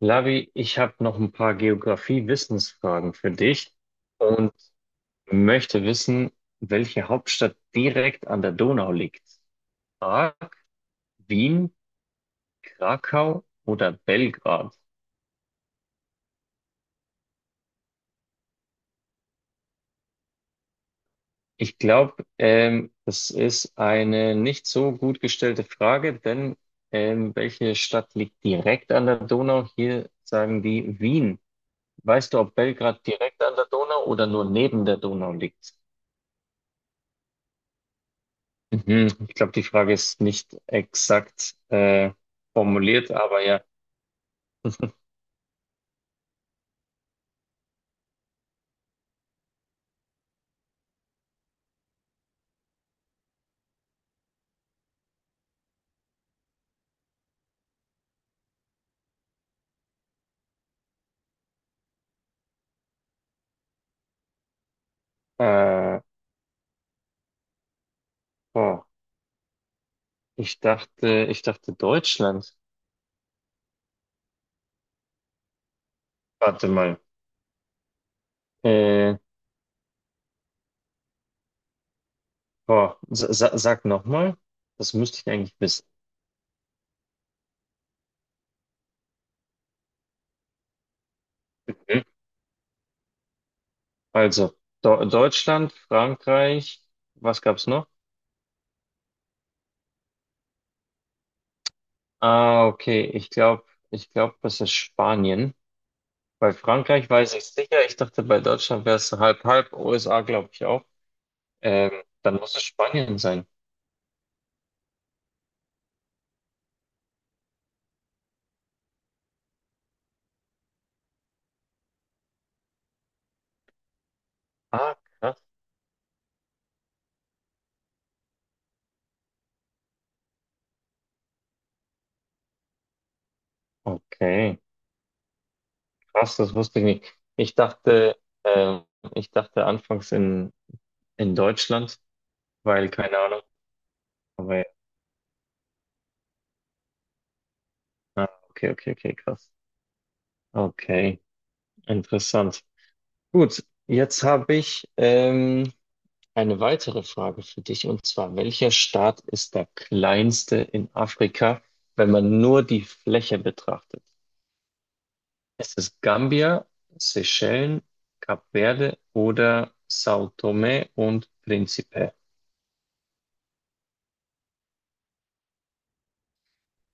Lavi, ich habe noch ein paar Geografie-Wissensfragen für dich und möchte wissen, welche Hauptstadt direkt an der Donau liegt. A. Wien, Krakau oder Belgrad? Ich glaube, das ist eine nicht so gut gestellte Frage, denn welche Stadt liegt direkt an der Donau? Hier sagen die Wien. Weißt du, ob Belgrad direkt an der Donau oder nur neben der Donau liegt? Mhm. Ich glaube, die Frage ist nicht exakt formuliert, aber ja. Äh, oh, ich dachte Deutschland. Warte mal. Äh, oh, sag nochmal. Das müsste ich eigentlich wissen. Mhm. Also, Do Deutschland, Frankreich, was gab's noch? Ah, okay. Ich glaube, das ist Spanien. Bei Frankreich weiß ich sicher. Ich dachte, bei Deutschland wäre es halb halb. USA glaube ich auch. Ähm, dann muss es Spanien sein. Ah, krass. Okay, krass, das wusste ich nicht. Ich dachte, äh, ich dachte anfangs in Deutschland, weil keine Ahnung, aber ja. Ah, okay, okay, okay, krass. Okay, interessant. Gut, jetzt habe ich eine weitere Frage für dich und zwar, welcher Staat ist der kleinste in Afrika, wenn man nur die Fläche betrachtet? Ist es Gambia, Seychellen, Kap Verde oder São Tomé und Príncipe?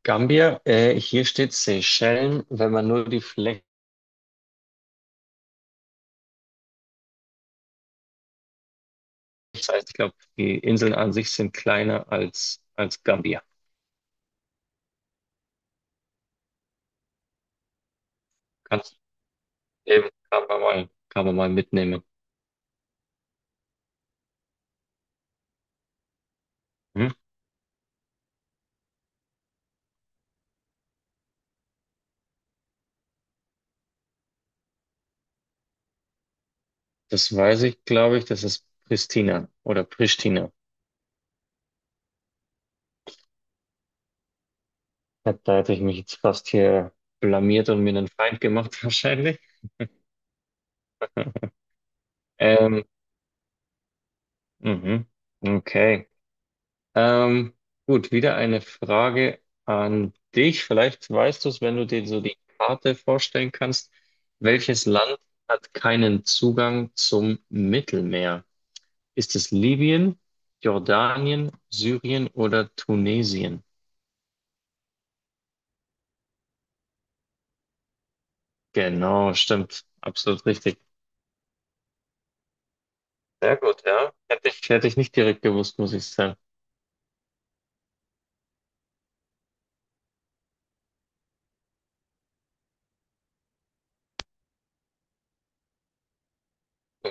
Gambia, hier steht Seychellen, wenn man nur die Fläche, das heißt, ich glaube, die Inseln an sich sind kleiner als, als Gambia. Kannst eben, kann man mal mitnehmen. Hm? Das weiß ich, glaube ich, das ist Pristina oder Pristina. Ja, da hätte ich mich jetzt fast hier blamiert und mir einen Feind gemacht, wahrscheinlich. Ähm, mhm. Okay. Ähm, gut, wieder eine Frage an dich. Vielleicht weißt du es, wenn du dir so die Karte vorstellen kannst. Welches Land hat keinen Zugang zum Mittelmeer? Ist es Libyen, Jordanien, Syrien oder Tunesien? Genau, stimmt. Absolut richtig. Sehr gut, ja. Hätte ich nicht direkt gewusst, muss ich sagen.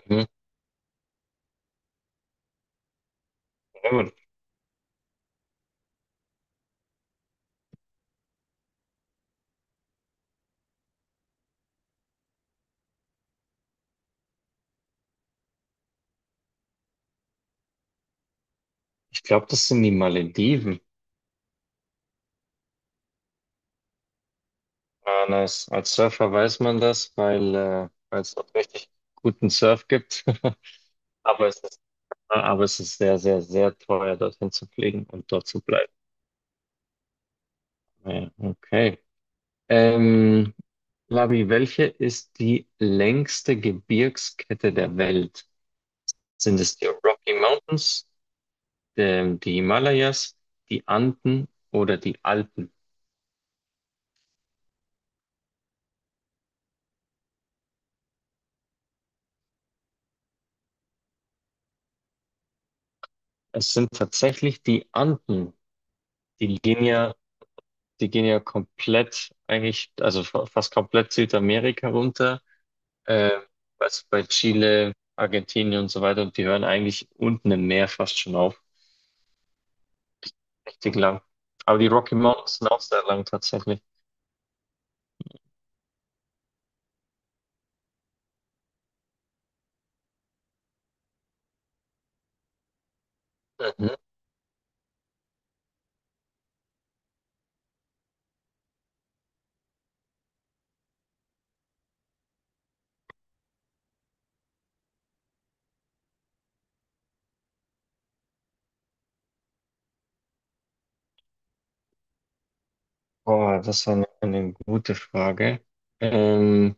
Mhm. Sehr gut. Ich glaube, das sind die Malediven. Ah, nice. Als Surfer weiß man das, weil weil es dort richtig guten Surf gibt. Aber es ist, aber es ist sehr, sehr, sehr teuer, dorthin zu fliegen und dort zu bleiben. Ja, okay. Ähm, Labi, welche ist die längste Gebirgskette der Welt? Sind es die Rocky Mountains, die Himalayas, die Anden oder die Alpen? Es sind tatsächlich die Anden. Die Linie Die gehen ja komplett, eigentlich, also fast komplett Südamerika runter. Äh, was bei Chile, Argentinien und so weiter. Und die hören eigentlich unten im Meer fast schon auf. Richtig lang. Aber die Rocky Mountains sind auch sehr lang tatsächlich. Mhm. Boah, das war eine gute Frage. Ähm,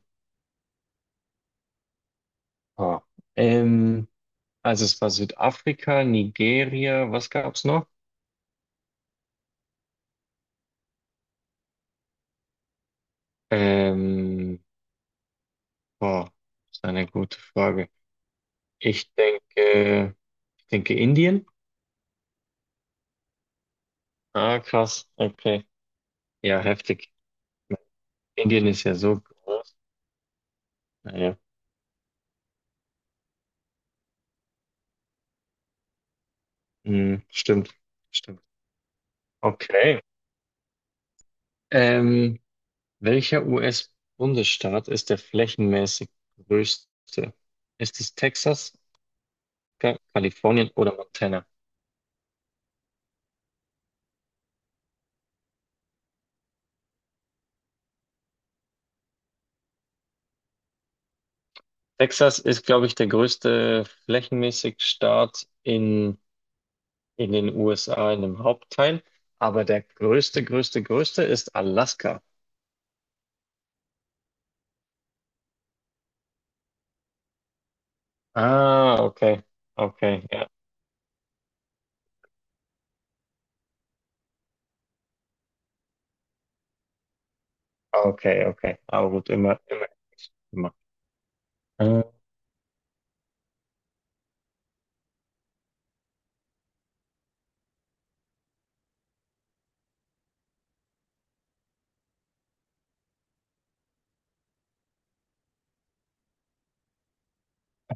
boah, ähm, also es war Südafrika, Nigeria, was gab's noch? Ähm, boah, das ist eine gute Frage. Ich denke, ich denke Indien. Ah, krass. Okay. Ja, heftig. Indien ist ja so groß. Naja. Hm, stimmt. Stimmt. Okay. Ähm, welcher US-Bundesstaat ist der flächenmäßig größte? Ist es Texas, Kalifornien oder Montana? Texas ist, glaube ich, der größte flächenmäßig Staat in den USA, in dem Hauptteil. Aber der größte, größte ist Alaska. Ah, okay. Okay, ja. Okay, okay. Aber gut, immer, immer. Äh,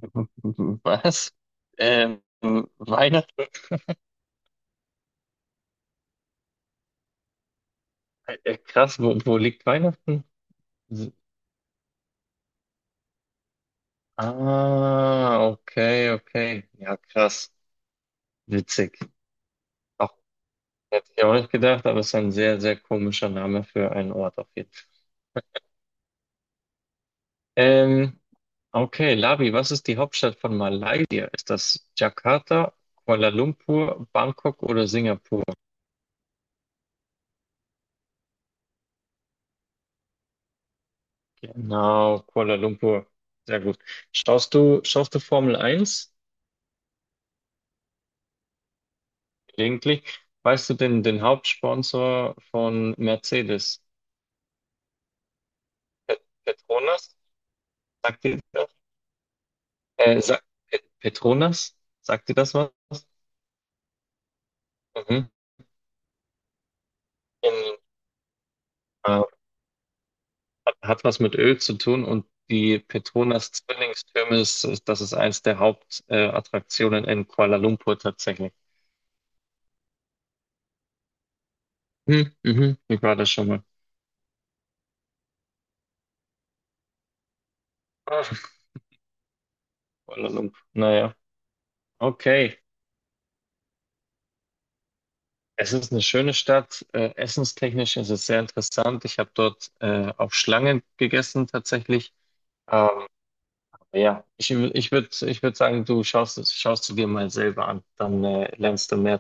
was? Ähm, Weihnachten? Krass, wo, wo liegt Weihnachten? S- Ah, okay, okay. Ja, krass. Witzig. Auch, hätte ich auch nicht gedacht, aber es ist ein sehr, sehr komischer Name für einen Ort auf jeden Fall. Ähm, okay, Labi, was ist die Hauptstadt von Malaysia? Ist das Jakarta, Kuala Lumpur, Bangkok oder Singapur? Genau, Kuala Lumpur. Sehr gut. Schaust du Formel eins gelegentlich? Weißt du den, den Hauptsponsor von Mercedes? Pet- Petronas? Sagt dir das? Sagt, Pet- Petronas? Sagt dir das was? Mhm. In, äh, hat, hat was mit Öl zu tun und die Petronas Zwillingstürme, das ist eins der Hauptattraktionen Attraktionen in Kuala Lumpur tatsächlich. Hm, mhm, ich war da schon mal. Ah, Kuala Lumpur. Naja, okay. Es ist eine schöne Stadt. Essenstechnisch ist es sehr interessant. Ich habe dort auf Schlangen gegessen tatsächlich. Ähm, ja, ich würde ich würd sagen, du schaust es, schaust du dir mal selber an. Dann lernst du mehr.